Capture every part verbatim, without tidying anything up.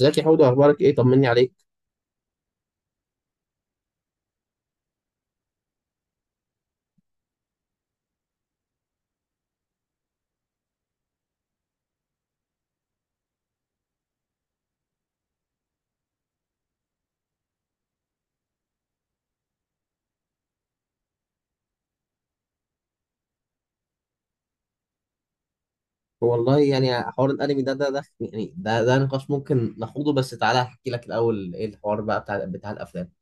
ازيك يا حودة، اخبارك ايه؟ طمني عليك. والله يعني حوار الانمي ده ده ده يعني ده ده نقاش ممكن نخوضه. بس تعالى احكي لك الاول ايه الحوار بقى بتاع بتاع الافلام.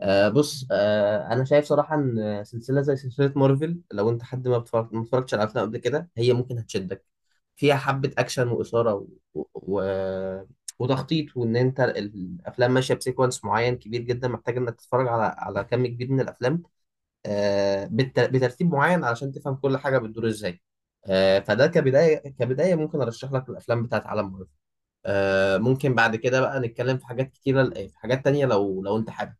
آه بص، آه انا شايف صراحه ان سلسله زي سلسله مارفل، لو انت حد ما بتفرج- ما اتفرجتش على افلام قبل كده، هي ممكن هتشدك. فيها حبه اكشن واثاره و... و... وتخطيط، وان انت الافلام ماشيه بسيكونس معين كبير جدا، محتاج انك تتفرج على على كم كبير من الافلام، آه، بالت- بترتيب معين علشان تفهم كل حاجه بتدور ازاي. آه، فده كبدايه كبدايه ممكن ارشح لك الافلام بتاعت عالم مارفل. آه، ممكن بعد كده بقى نتكلم في حاجات كتيره، آه، في حاجات تانية لو لو انت حابب.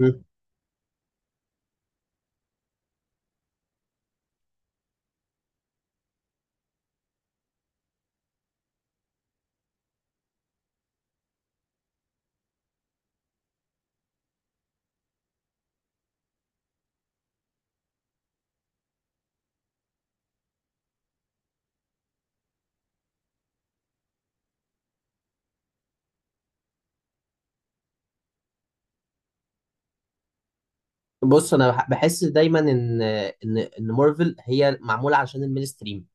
مم. بص انا بح- بحس دايما ان ان ان مارفل هي معموله عشان المينستريم.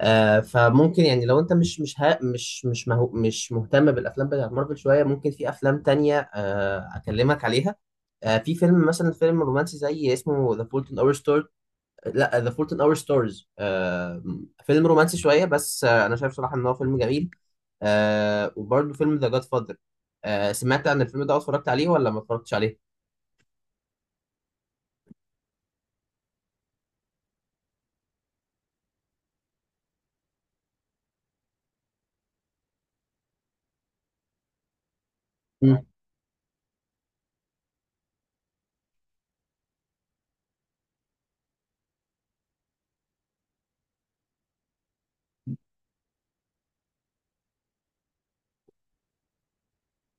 آه فممكن يعني لو انت مش مش ها مش مش مهو مش مهتم بالافلام بتاعت مارفل شويه، ممكن في افلام تانية آه اكلمك عليها. آه في فيلم مثلا، فيلم رومانسي زي اسمه ذا فولت ان اور ستار، لا ذا فولت ان اور ستارز. فيلم رومانسي شويه، بس آه، انا شايف صراحه ان هو فيلم جميل. آه وبرده فيلم ذا جاد فاذر. آه سمعت عن الفيلم ده؟ أو اتفرجت عليه ولا ما اتفرجتش عليه؟ مم.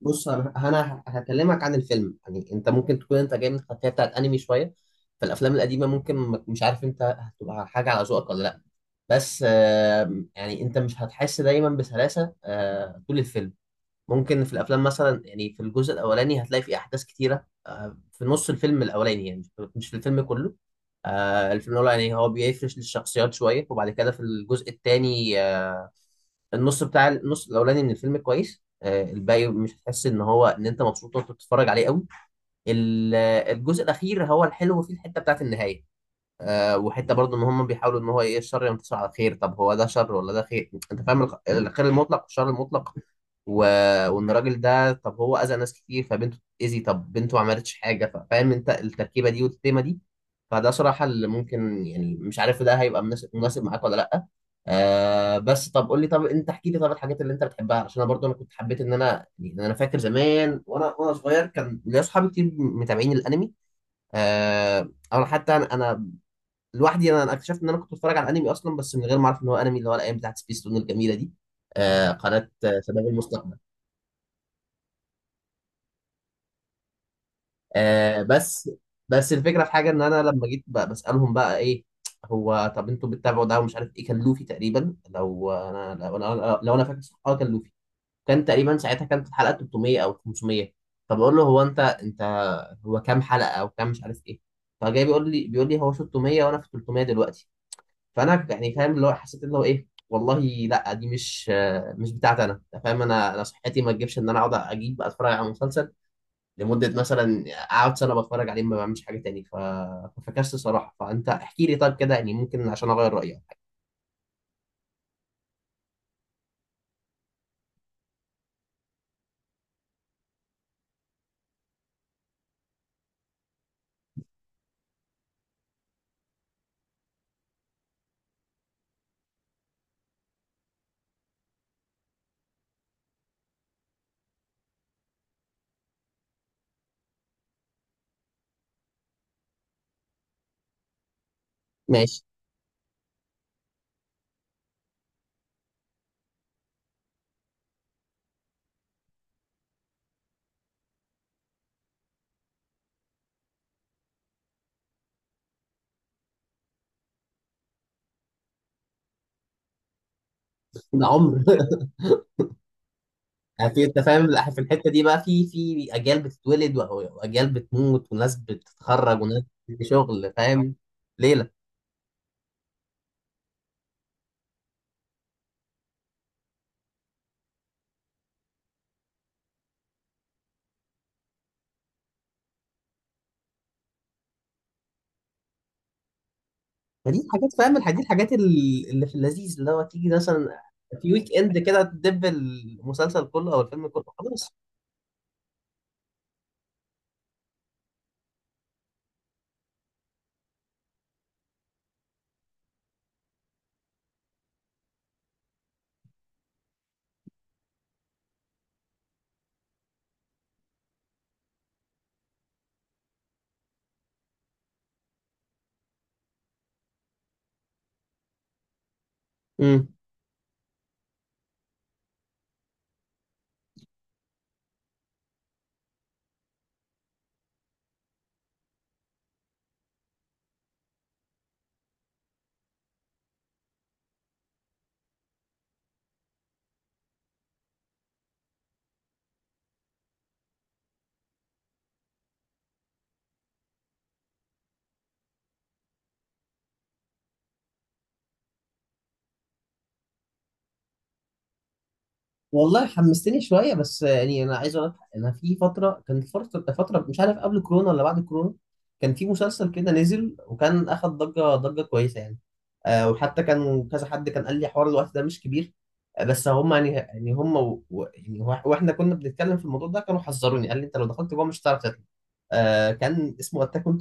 بص انا أنا هكلمك عن الفيلم. يعني انت ممكن تكون انت جاي من خلفيه بتاعت انمي شويه، فالافلام القديمه ممكن ما- مش عارف انت هتبقى حاجه على ذوقك ولا لا. بس آه يعني انت مش هتحس دايما بسلاسه آه طول الفيلم. ممكن في الافلام مثلا، يعني في الجزء الاولاني هتلاقي في احداث كتيره، آه، في نص الفيلم الاولاني يعني، مش في الفيلم كله. آه، الفيلم الاولاني يعني هو بيفرش للشخصيات شويه، وبعد كده في الجزء الثاني النص بتاع النص الاولاني من الفيلم كويس، آه، الباقي مش هتحس ان هو ان انت مبسوط وانت بتتفرج عليه قوي. ال- الجزء الاخير هو الحلو فيه، الحته بتاعت النهايه. آه وحته برضو ان هم بيحاولوا ان هو ايه، الشر ينتصر على الخير، طب هو ده شر ولا ده خير؟ انت فاهم الخ- الخير المطلق والشر المطلق و... وان الراجل ده، طب هو اذى ناس كتير فبنته اذي، طب بنته ما عملتش حاجه. ف- فاهم انت التركيبه دي والتيمه دي. فده صراحه اللي ممكن، يعني مش عارف ده هيبقى مناسب مناسب معاك ولا لا. آه بس طب قول لي، طب انت احكي لي طب الحاجات اللي انت بتحبها، عشان انا برضو انا كنت حبيت ان انا، يعني انا فاكر زمان وانا وانا صغير كان ليا اصحابي كتير متابعين الانمي. آه او حتى انا لوحدي. انا أنا اكتشفت ان انا كنت بتفرج على الانمي اصلا، بس من غير ما اعرف ان هو انمي، اللي هو الايام بتاعت سبيس تون الجميله دي. آه قناه آه، شباب المستقبل. آه بس بس الفكره في حاجه، ان انا لما جيت ب- بسالهم بقى ايه، هو طب انتوا بتتابعوا ده ومش عارف ايه، كان لوفي تقريبا. لو انا لو انا لو انا فاكر صح اه كان لوفي. كان تقريبا ساعتها كانت الحلقه تلت ميه او خمس ميه. فبقول له هو انت انت هو كام حلقه او كام مش عارف ايه. فجاي بيقول لي بيقول لي هو ست مية وانا في تلت ميه دلوقتي. فانا يعني فاهم اللي هو، حسيت اللي هو ايه والله. لا، دي مش، مش بتاعتي انا. أنت فاهم؟ انا انا صحتي ما تجيبش ان انا اقعد اجيب اتفرج على مسلسل لمده مثلا اقعد سنه بتفرج عليه ما بعملش حاجه تاني، ف- ففكست صراحه. فانت احكي لي طيب كده، يعني ممكن عشان اغير رايي أو حاجة. ماشي، ده عمر. في انت فاهم؟ لا، في الحته دي بقى، في في اجيال بتتولد و- واجيال بتموت، وناس بتتخرج وناس في شغل، فاهم؟ ليله. فدي الحاجات، فاهم الح- دي الحاجات ال- اللي في اللذيذ، اللي هو تيجي مثلا في ويك اند كده تدب المسلسل كله او الفيلم كله خلاص. والله حمستني شويه. بس يعني انا عايز اقول لك، انا في فتره، كانت فتره فتره مش عارف قبل كورونا ولا بعد كورونا، كان في مسلسل كده نزل، وكان اخد ضجه ضجه كويسه يعني. آه وحتى كان كذا حد كان قال لي حوار الوقت ده مش كبير. آه بس هم يعني يعني هم و... و- يعني وا- واحنا كنا بنتكلم في الموضوع ده، كانوا حذروني قال لي انت لو دخلت جوه مش هتعرف تطلع. آه كان اسمه اتاك اون،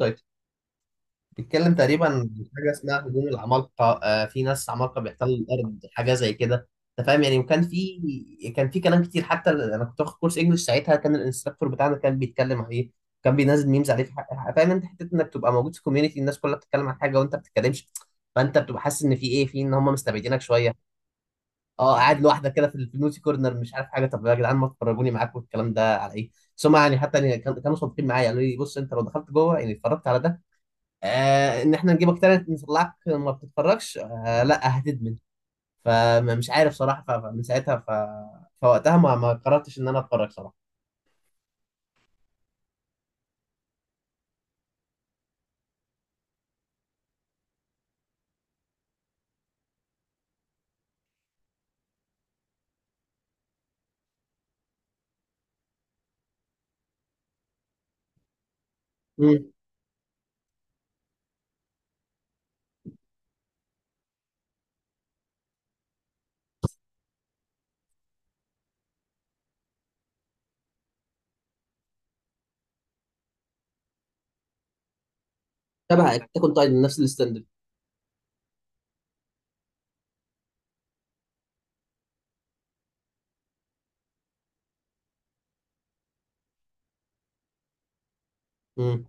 بيتكلم تقريبا عن حاجه اسمها هجوم العمالقه. آه في ناس عمالقه بيحتلوا الارض حاجه زي كده، انت فاهم يعني. وكان في كان في كلام كتير، حتى انا كنت واخد كورس انجلش ساعتها كان الانستراكتور بتاعنا كان بيتكلم عليه، كان بينزل ميمز عليه في حق. فاهم انت حته انك تبقى موجود في كوميونتي الناس كلها بتتكلم عن حاجه وانت ما بتتكلمش، فانت بتبقى حاسس ان في ايه، في ان هم مستبعدينك شويه. اه قاعد لوحدك كده في النوتي كورنر مش عارف حاجه، طب يا جدعان ما تفرجوني معاكم الكلام ده على ايه. بس هم يعني حتى يعني كان- كانوا صادقين معايا قالوا لي بص انت لو دخلت جوه يعني اتفرجت على ده، آه ان احنا نجيبك تالت نطلعك ما بتتفرجش، آه لا هتدمن. فمش عارف صراحه، ف- فمن ساعتها ف... فوقتها ما ما قررتش ان انا اتفرج صراحه. امم تبع اتاك اون تايتن نفس الستاندرد. امم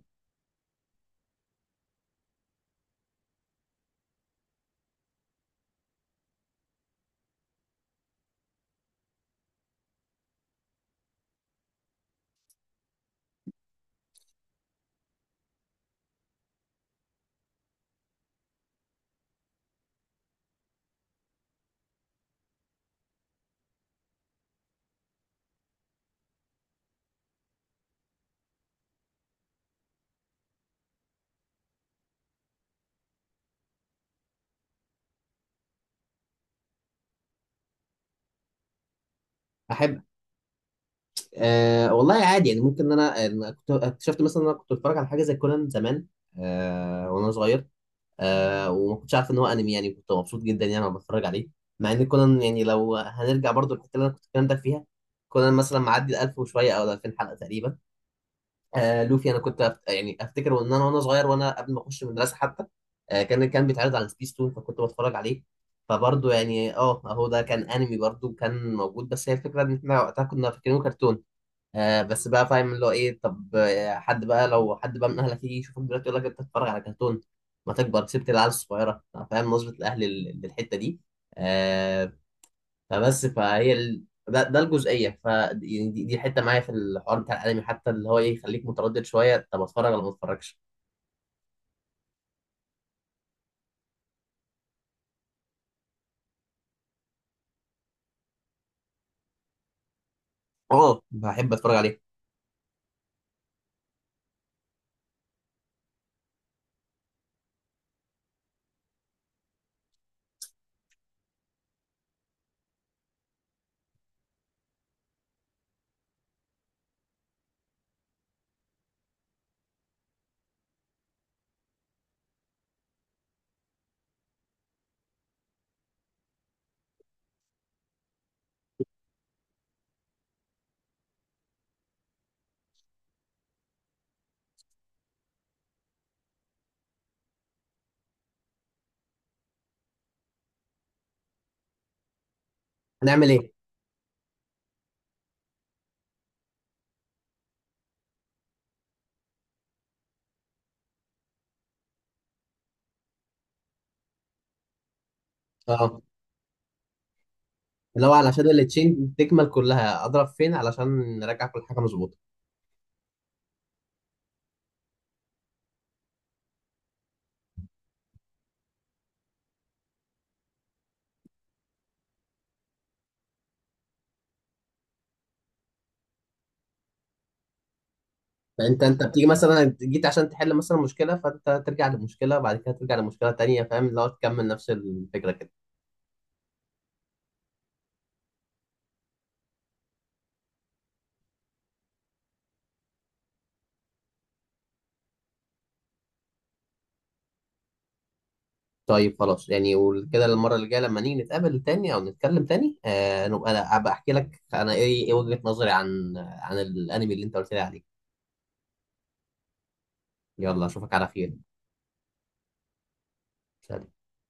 احب. آه والله عادي يعني، ممكن ان انا أنا كنت اكتشفت مثلا ان انا كنت بتفرج على حاجه زي كونان زمان. آه وانا صغير، آه وما كنتش عارف ان هو انمي يعني، كنت مبسوط جدا يعني وانا بتفرج عليه. مع ان كونان يعني، لو هنرجع برضو للحته اللي انا كنت الكلام ده فيها، كونان مثلا معدي ال ألف وشويه او ال ألفين حلقه تقريبا. آه لوفي، انا كنت أفت... يعني افتكر، وان انا وانا صغير وانا قبل ما اخش المدرسه حتى، آه كان كان بيتعرض على سبيس تون فكنت بتفرج عليه. فبرضه يعني اه اهو ده كان انمي برضه كان موجود، بس هي الفكره ان احنا وقتها كنا فاكرينه كرتون. آه بس بقى فاهم اللي هو ايه، طب آه، حد بقى لو حد بقى من اهلك يجي يشوفك دلوقتي يقول لك انت بتتفرج على كرتون، ما تكبر سبت العيال الصغيره، فاهم نظره الاهل لل- للحته دي. آه فبس فهي ال... ده, ده الجزئيه، ف يعني دي, دي حته معايا في الحوار بتاع الانمي، حتى اللي هو ايه يخليك متردد شويه، طب اتفرج ولا ما اتفرجش. اه، بحب اتفرج عليه. هنعمل ايه؟ اه، اللي هو علشان التشين تكمل كلها اضرب فين علشان نراجع كل حاجه مظبوطه. فانت انت بتيجي مثلا جيت عشان تحل مثلا مشكله، فانت ترجع لمشكله، بعد كده ترجع لمشكله تانيه، فاهم اللي هو تكمل نفس الفكره كده. طيب خلاص يعني، وكده المرة اللي جاية لما نيجي نتقابل تاني أو نتكلم تاني آه نبقى، أنا أبقى أحكي لك أنا إيه، إيه وجهة نظري عن عن الأنمي اللي أنت قلت لي عليه. يلا، أشوفك على خير. سلام.